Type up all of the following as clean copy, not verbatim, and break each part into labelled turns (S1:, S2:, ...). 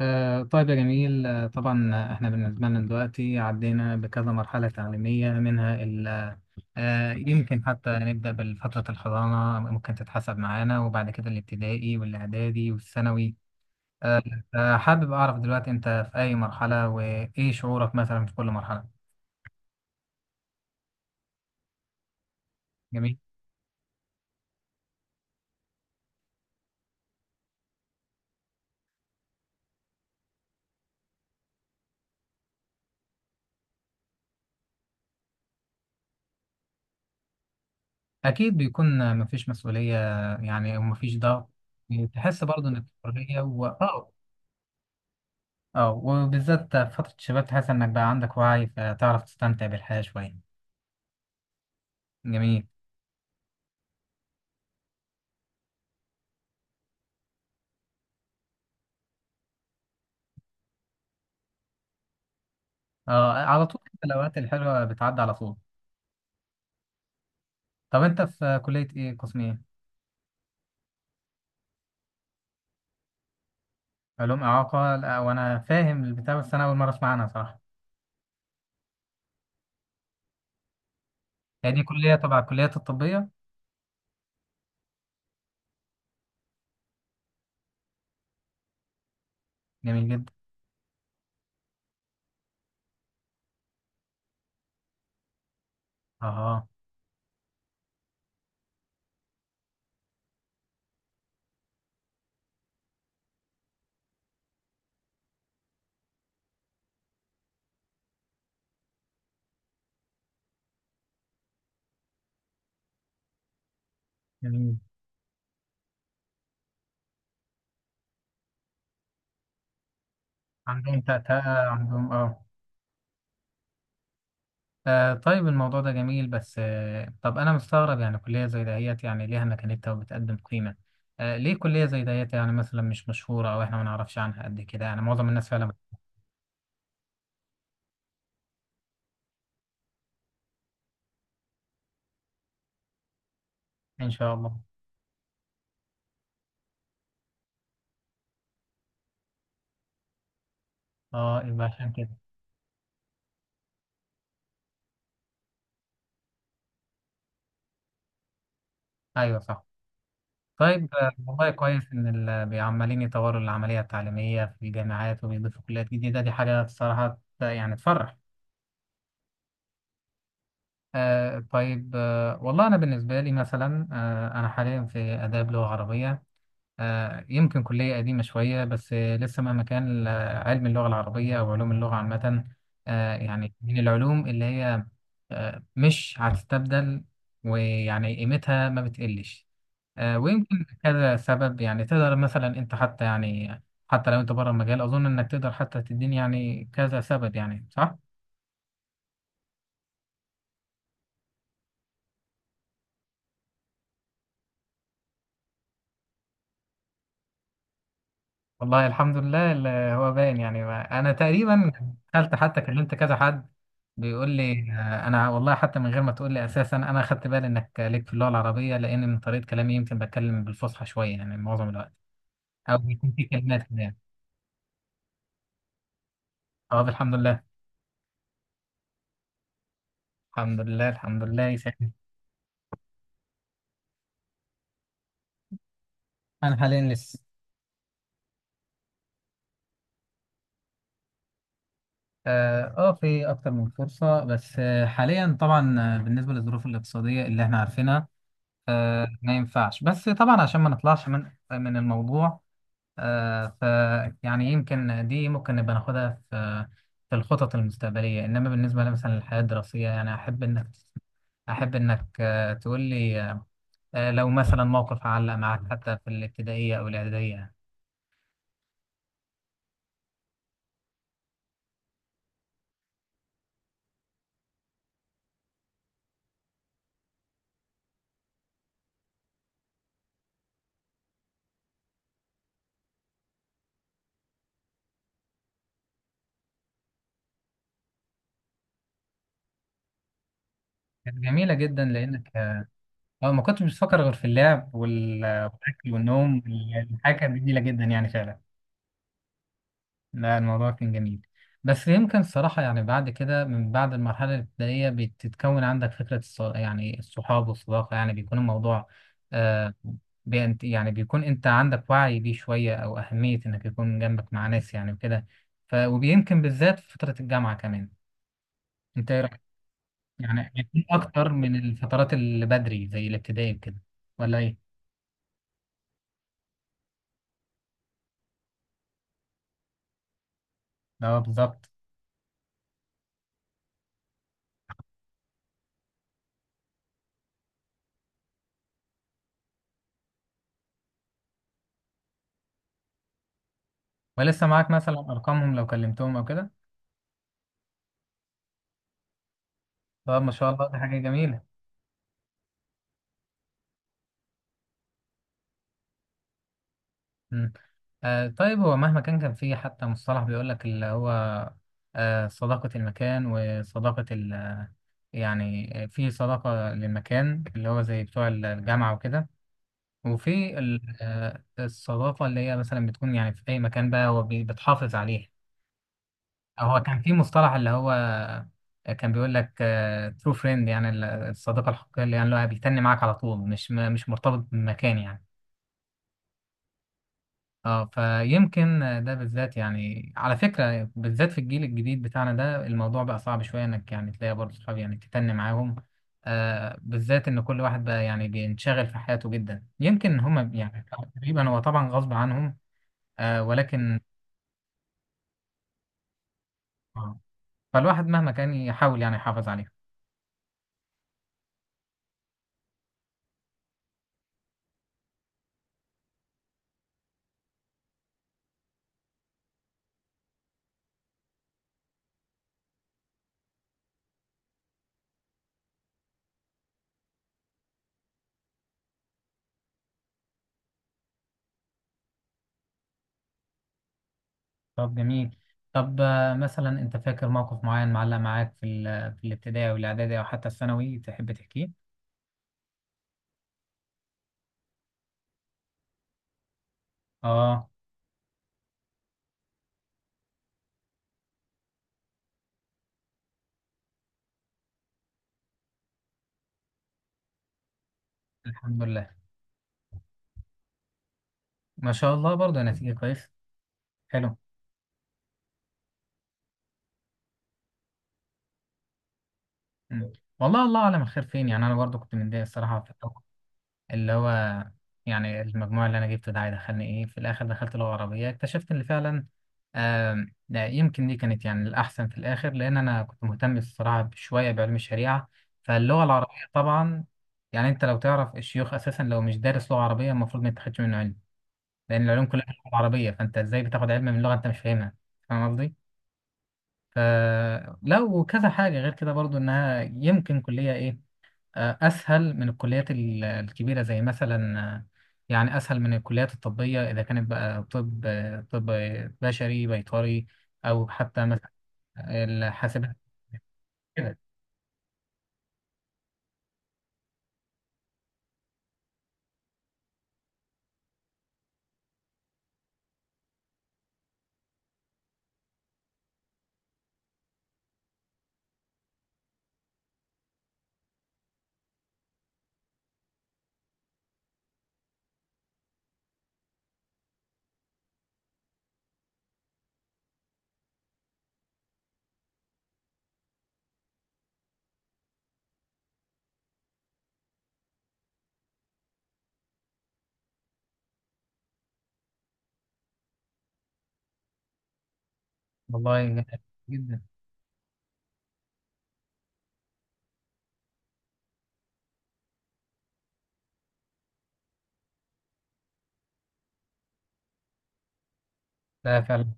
S1: طيب يا جميل، طبعا. احنا بالنسبة لنا دلوقتي عدينا بكذا مرحلة تعليمية، منها يمكن حتى نبدأ بالفترة الحضانة، ممكن تتحسب معانا، وبعد كده الابتدائي والإعدادي والثانوي. آه، حابب أعرف دلوقتي أنت في أي مرحلة وإيه شعورك مثلا في كل مرحلة. جميل. أكيد بيكون مفيش مسؤولية، يعني ومفيش ضغط. تحس برضه إنك في حرية و. وبالذات في فترة الشباب تحس إنك بقى عندك وعي، فتعرف تستمتع بالحياة شوية. جميل. اه، على طول كده الاوقات الحلوه بتعدي على طول. طب انت في كليه ايه؟ قسم ايه؟ علوم اعاقه؟ لا، وانا فاهم البتاع بس انا اول مره اسمع عنها صراحه. هي دي كليه تبع الكليات الطبيه؟ جميل جدا. اه. جميل. عندهم تأتأة، عندهم اه. طيب الموضوع ده جميل، بس طب انا مستغرب، يعني كليه زي دهيت يعني ليها مكانتها وبتقدم قيمه. ليه كليه زي دهيت يعني مثلا مش مشهوره، او احنا ما نعرفش عنها قد كده؟ يعني معظم الناس فعلا ان شاء الله. اه، يبقى عشان كده. ايوه صح. طيب، والله كويس إن بيعملين يطوروا العملية التعليمية في الجامعات وبيضيفوا كليات جديدة، دي حاجة الصراحة يعني تفرح. آه، طيب. آه، والله أنا بالنسبة لي مثلا، آه، أنا حاليا في آداب لغة عربية. آه، يمكن كلية قديمة شوية، بس آه، لسه مهما كان علم اللغة العربية أو علوم اللغة عامة، آه، يعني من العلوم اللي هي آه، مش هتستبدل ويعني قيمتها ما بتقلش. ويمكن كذا سبب، يعني تقدر مثلا انت حتى يعني حتى لو انت بره المجال اظن انك تقدر حتى تديني يعني كذا سبب، يعني صح؟ والله الحمد لله، اللي هو باين يعني انا تقريبا دخلت حتى كلمت كذا حد بيقول لي انا والله حتى من غير ما تقول لي اساسا انا خدت بالي انك ليك في اللغه العربيه، لان من طريقه كلامي يمكن بتكلم بالفصحى شويه يعني معظم الوقت، او بيكون في كلمات كده يعني. اه، الحمد لله. الحمد لله، الحمد لله يسعدك. انا حاليا لسه. اه، في اكتر من فرصه، بس حاليا طبعا بالنسبه للظروف الاقتصاديه اللي احنا عارفينها، ما ينفعش. بس طبعا عشان ما نطلعش من الموضوع، آه، ف يعني يمكن دي ممكن نبقى ناخدها في في الخطط المستقبليه. انما بالنسبه مثلا للحياه الدراسيه، يعني احب انك تقول لي، لو مثلا موقف علق معك حتى في الابتدائيه او الاعداديه. كانت جميله جدا لانك، اه، ما كنتش بفكر غير في اللعب وال- والاكل والنوم. الحاجه كانت جميله جدا يعني فعلا. لا، الموضوع كان جميل. بس يمكن الصراحه يعني بعد كده من بعد المرحله الابتدائيه بتتكون عندك فكره يعني الصحاب والصداقه، يعني بيكون الموضوع آه، يعني بيكون انت عندك وعي بيه شويه، او اهميه انك يكون جنبك مع ناس يعني وكده. ف ويمكن بالذات في فتره الجامعه كمان، انت ايه رايك؟ يعني بيكون اكتر من الفترات اللي بدري زي الابتدائي كده، ولا ايه؟ اه، بالظبط. ولسه معاك مثلا ارقامهم لو كلمتهم او كده؟ طب ما شاء الله، دي حاجه جميله. مم. آه، طيب هو مهما كان كان في حتى مصطلح بيقول لك اللي هو آه، صداقه المكان وصداقه ال يعني، في صداقه للمكان اللي هو زي بتوع الجامعه وكده، وفي الصداقه اللي هي مثلا بتكون يعني في اي مكان بقى وبتحافظ عليها. هو كان في مصطلح اللي هو كان بيقول لك ترو فريند، يعني الصديقة الحقيقية اللي يعني اللي هو بيتني معاك على طول، مش مش مرتبط بمكان يعني. اه، فيمكن ده بالذات يعني على فكرة بالذات في الجيل الجديد بتاعنا ده الموضوع بقى صعب شوية انك يعني تلاقي برضه صحاب يعني تتني معاهم. آه، بالذات ان كل واحد بقى يعني بينشغل في حياته جدا، يمكن هما يعني تقريبا هو طبعا غصب عنهم. آه، ولكن آه، فالواحد مهما كان يحاول يعني يحافظ عليه. طب جميل. طب مثلا انت فاكر موقف معين معلق معاك في في الابتدائي والاعدادي او حتى الثانوي تحب تحكيه؟ اه، الحمد لله. ما شاء الله، برضه نتيجة كويس. حلو. مم. والله الله اعلم الخير فين. يعني انا برضه كنت متضايق الصراحة في الأول، اللي هو يعني المجموع اللي انا جبته ده هيدخلني ايه في الاخر. دخلت لغة عربية، اكتشفت ان فعلا يمكن دي كانت يعني الأحسن في الآخر، لأن أنا كنت مهتم الصراحة شوية بعلم الشريعة، فاللغة العربية طبعا يعني أنت لو تعرف الشيوخ أساسا لو مش دارس لغة عربية المفروض ما تاخدش منه علم، لأن العلوم كلها في اللغة العربية، فأنت إزاي بتاخد علم من لغة أنت مش فاهمها؟ فاهم قصدي؟ فلو كذا حاجة غير كده برضو إنها يمكن كلية إيه، أسهل من الكليات الكبيرة زي مثلا يعني أسهل من الكليات الطبية إذا كانت بقى طب طب بشري، بيطري، أو حتى مثلا الحاسبات كده. والله جميل جدا. لا فعلا،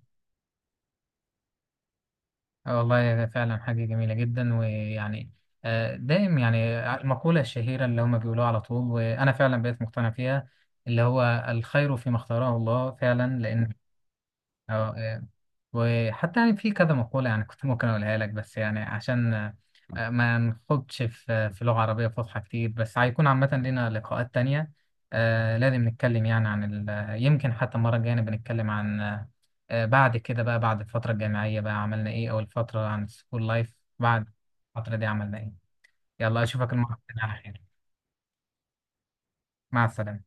S1: والله فعلا حاجة جميلة جدا. ويعني دايم يعني المقولة الشهيرة اللي هم بيقولوها على طول، وأنا فعلا بقيت مقتنع فيها، اللي هو الخير فيما اختاره الله فعلا، لأن اه، آه. وحتى يعني في كذا مقولة يعني كنت ممكن أقولها لك، بس يعني عشان ما نخوضش في في لغة عربية فصحى كتير، بس هيكون عامة لنا لقاءات تانية. لازم نتكلم يعني عن يمكن حتى المرة الجاية بنتكلم عن بعد كده بقى بعد الفترة الجامعية بقى عملنا إيه، أو الفترة عن السكول لايف بعد الفترة دي عملنا إيه. يلا أشوفك المرة الجاية على خير. مع السلامة.